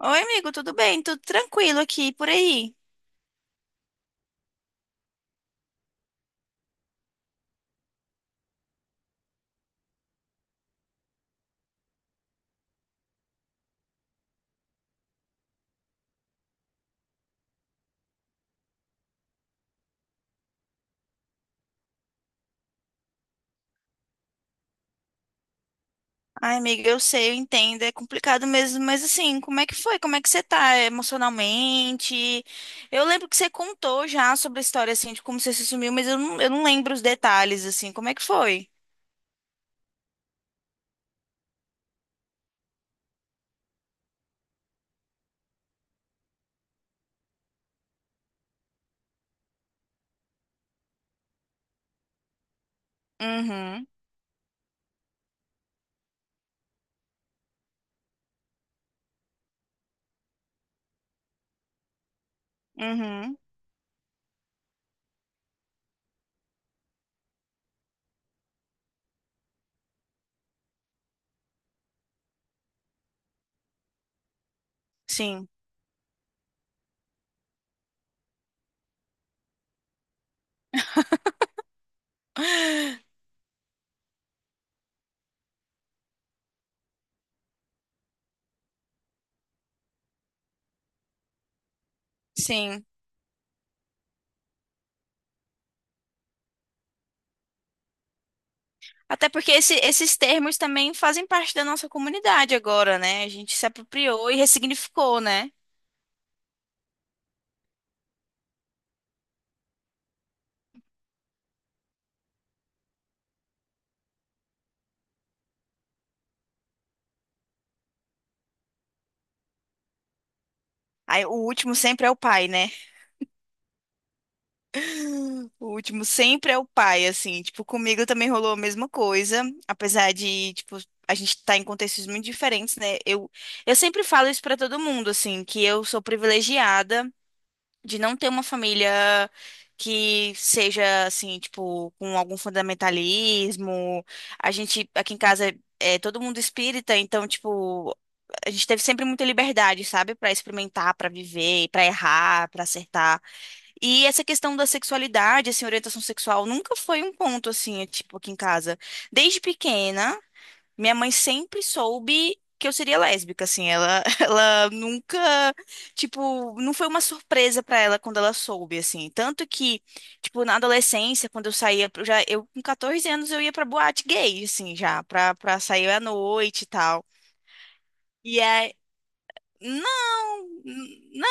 Oi, amigo, tudo bem? Tudo tranquilo aqui por aí? Ai, amiga, eu sei, eu entendo, é complicado mesmo, mas assim, como é que foi? Como é que você tá emocionalmente? Eu lembro que você contou já sobre a história, assim, de como você se sumiu, mas eu não lembro os detalhes, assim, como é que foi? Uhum, uhum, sim, sim. Até porque esses termos também fazem parte da nossa comunidade agora, né? A gente se apropriou e ressignificou, né? Aí, o último sempre é o pai, né? O último sempre é o pai, assim, tipo, comigo também rolou a mesma coisa, apesar de, tipo, a gente tá em contextos muito diferentes, né? Eu sempre falo isso pra todo mundo, assim, que eu sou privilegiada de não ter uma família que seja, assim, tipo, com algum fundamentalismo. A gente, aqui em casa, é todo mundo espírita, então, tipo, a gente teve sempre muita liberdade, sabe? Pra experimentar, pra viver, pra errar, pra acertar. E essa questão da sexualidade, assim, orientação sexual, nunca foi um ponto, assim, é, tipo, aqui em casa. Desde pequena, minha mãe sempre soube que eu seria lésbica, assim, ela, ela nunca, tipo, não foi uma surpresa pra ela quando ela soube, assim. Tanto que, tipo, na adolescência, quando eu saía, eu com 14 anos, eu ia pra boate gay, assim, já, pra sair à noite e tal. E aí, não,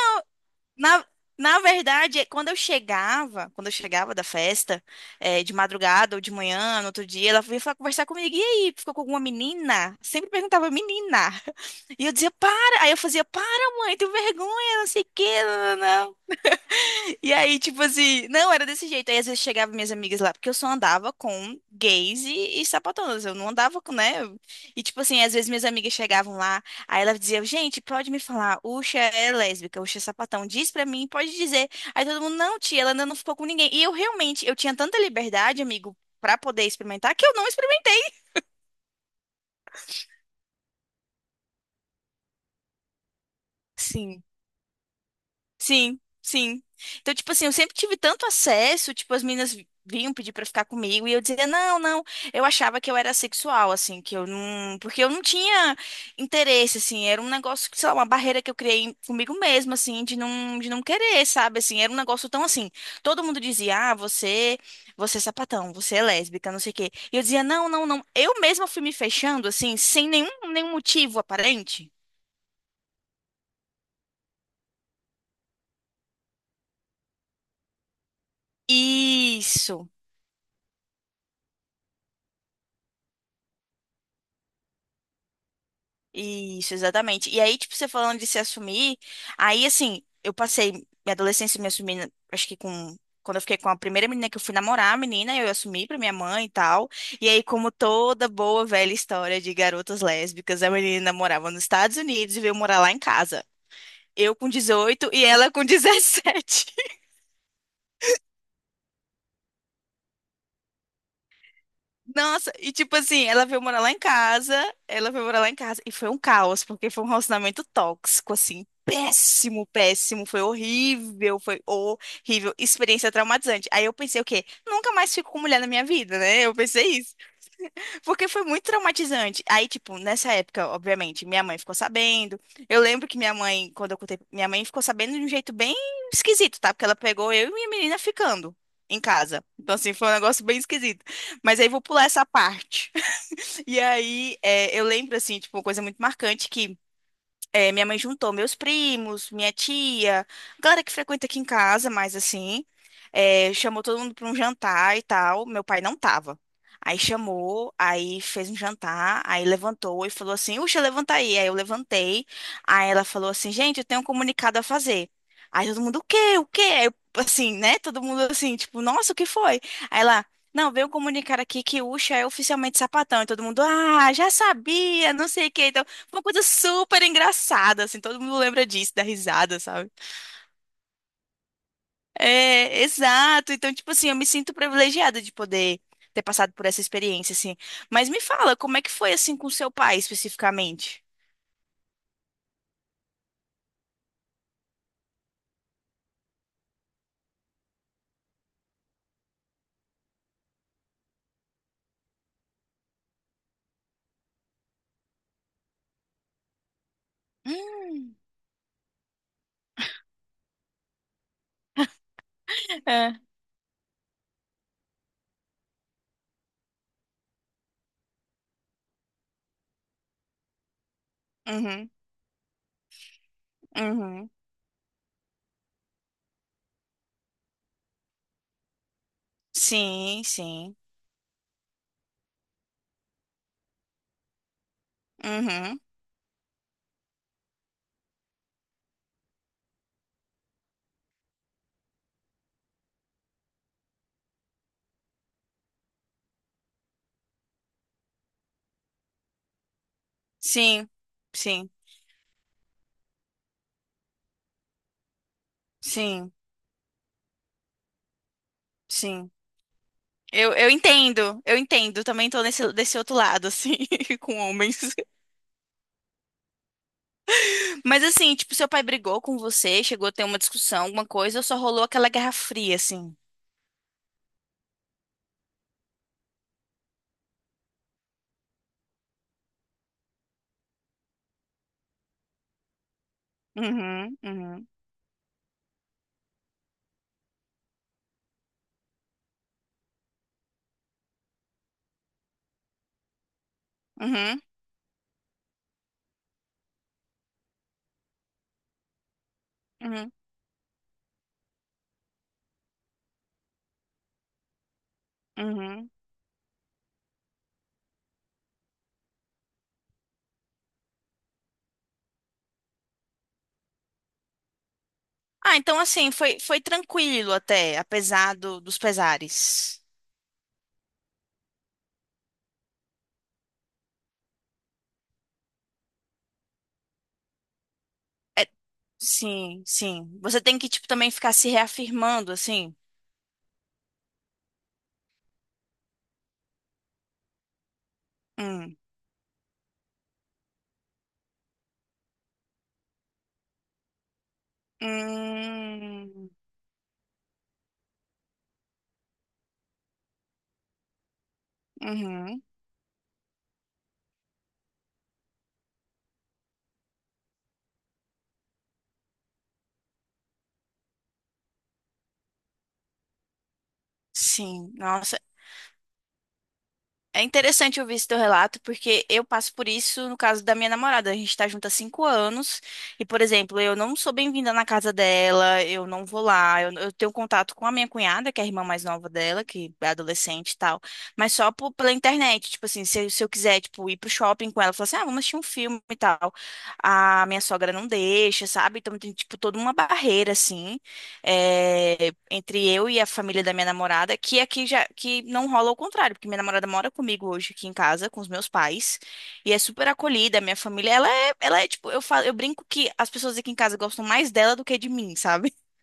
na, na verdade, é quando eu chegava da festa, de madrugada ou de manhã, no outro dia, ela vinha conversar comigo. E aí, ficou com alguma menina? Sempre perguntava, menina. E eu dizia, para. Aí eu fazia, para, mãe, tenho vergonha, não sei o quê. E aí, tipo assim, não, era desse jeito. Aí às vezes chegava minhas amigas lá, porque eu só andava com gays e sapatonas. Eu não andava com, né? E tipo assim, às vezes minhas amigas chegavam lá, aí ela dizia, gente, pode me falar, Uxa é lésbica, Uxa é sapatão, diz pra mim, pode dizer. Aí todo mundo, não, tia, ela ainda não ficou com ninguém. E eu realmente, eu tinha tanta liberdade, amigo, pra poder experimentar, que eu não experimentei. Sim, sim. Então, tipo assim, eu sempre tive tanto acesso, tipo, as meninas vinham pedir pra ficar comigo e eu dizia, não, não. Eu achava que eu era sexual, assim, que eu não. Porque eu não tinha interesse, assim. Era um negócio, que, sei lá, uma barreira que eu criei comigo mesma, assim, de não querer, sabe? Assim, era um negócio tão assim. Todo mundo dizia, ah, você é sapatão, você é lésbica, não sei o quê. E eu dizia, não, não, não. Eu mesma fui me fechando, assim, sem nenhum motivo aparente. Isso. Isso, exatamente. E aí, tipo, você falando de se assumir, aí, assim, eu passei minha adolescência me assumindo, acho que com. Quando eu fiquei com a primeira menina que eu fui namorar, a menina, eu assumi pra minha mãe e tal. E aí, como toda boa velha história de garotas lésbicas, a menina morava nos Estados Unidos e veio morar lá em casa. Eu com 18 e ela com 17. Nossa, e tipo assim, ela veio morar lá em casa, ela veio morar lá em casa, e foi um caos, porque foi um relacionamento tóxico, assim, péssimo, péssimo, foi horrível, experiência traumatizante. Aí eu pensei o quê? Nunca mais fico com mulher na minha vida, né? Eu pensei isso. Porque foi muito traumatizante. Aí, tipo, nessa época, obviamente, minha mãe ficou sabendo. Eu lembro que minha mãe, quando eu contei, minha mãe ficou sabendo de um jeito bem esquisito, tá? Porque ela pegou eu e minha menina ficando em casa. Então, assim, foi um negócio bem esquisito. Mas aí vou pular essa parte. E aí, eu lembro, assim, tipo, uma coisa muito marcante que é, minha mãe juntou meus primos, minha tia, galera que frequenta aqui em casa, mas assim, chamou todo mundo para um jantar e tal. Meu pai não tava. Aí chamou, aí fez um jantar, aí levantou e falou assim: Uxa, levanta aí. Aí eu levantei. Aí ela falou assim: Gente, eu tenho um comunicado a fazer. Aí todo mundo: O quê? O quê? Aí, eu, assim, né? Todo mundo assim, tipo, nossa, o que foi? Aí ela. Não, veio um comunicar aqui que Uxa é oficialmente sapatão. E todo mundo, ah, já sabia, não sei o que. Uma coisa super engraçada, assim, todo mundo lembra disso, da risada, sabe? É, exato. Então, tipo assim, eu me sinto privilegiada de poder ter passado por essa experiência, assim. Mas me fala, como é que foi, assim, com seu pai, especificamente? Hum, é. Uhum, uhum. Sim, sim. Uhum. Sim, sim, sim, sim. Eu entendo, eu entendo. Também tô nesse, desse outro lado, assim, com homens. Mas assim, tipo, seu pai brigou com você, chegou a ter uma discussão, alguma coisa, ou só rolou aquela guerra fria, assim? Uhum, uhum, uhum, uhum, uhum. Ah, então assim, foi tranquilo até, apesar dos pesares. É, sim, sim. Você tem que, tipo, também ficar se reafirmando, assim. Hum, hum, uhum. Sim, nossa, é interessante ouvir esse teu relato, porque eu passo por isso no caso da minha namorada. A gente tá junto há 5 anos e, por exemplo, eu não sou bem-vinda na casa dela, eu não vou lá, eu tenho contato com a minha cunhada, que é a irmã mais nova dela, que é adolescente e tal, mas só pela internet. Tipo assim, se eu quiser, tipo, ir pro shopping com ela, falar assim, ah, vamos assistir um filme e tal. A minha sogra não deixa, sabe? Então tem, tipo, toda uma barreira, assim é, entre eu e a família da minha namorada, que aqui já que não rola o contrário, porque minha namorada mora comigo hoje aqui em casa com os meus pais e é super acolhida. Minha família, ela é tipo, eu falo, eu brinco que as pessoas aqui em casa gostam mais dela do que de mim, sabe?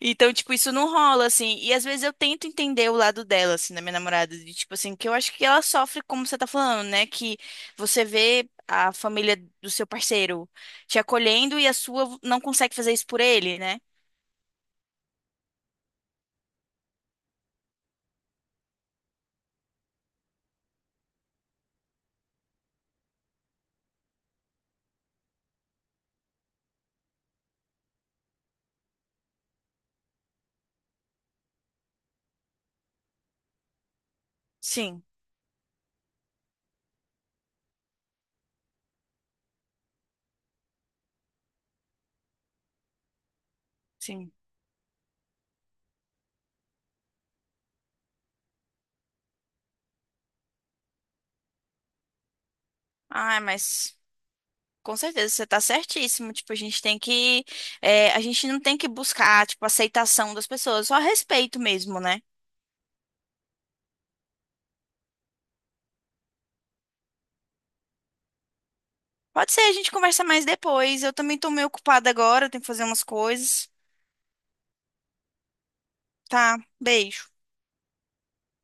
Então, tipo, isso não rola assim. E às vezes eu tento entender o lado dela, assim, da minha namorada, de tipo assim, que eu acho que ela sofre como você tá falando, né? Que você vê a família do seu parceiro te acolhendo e a sua não consegue fazer isso por ele, né? Sim, sim. Ai, mas com certeza você tá certíssimo. Tipo, a gente tem que. A gente não tem que buscar, tipo, aceitação das pessoas, só respeito mesmo, né? Pode ser, a gente conversa mais depois. Eu também tô meio ocupada agora, tenho que fazer umas coisas. Tá, beijo.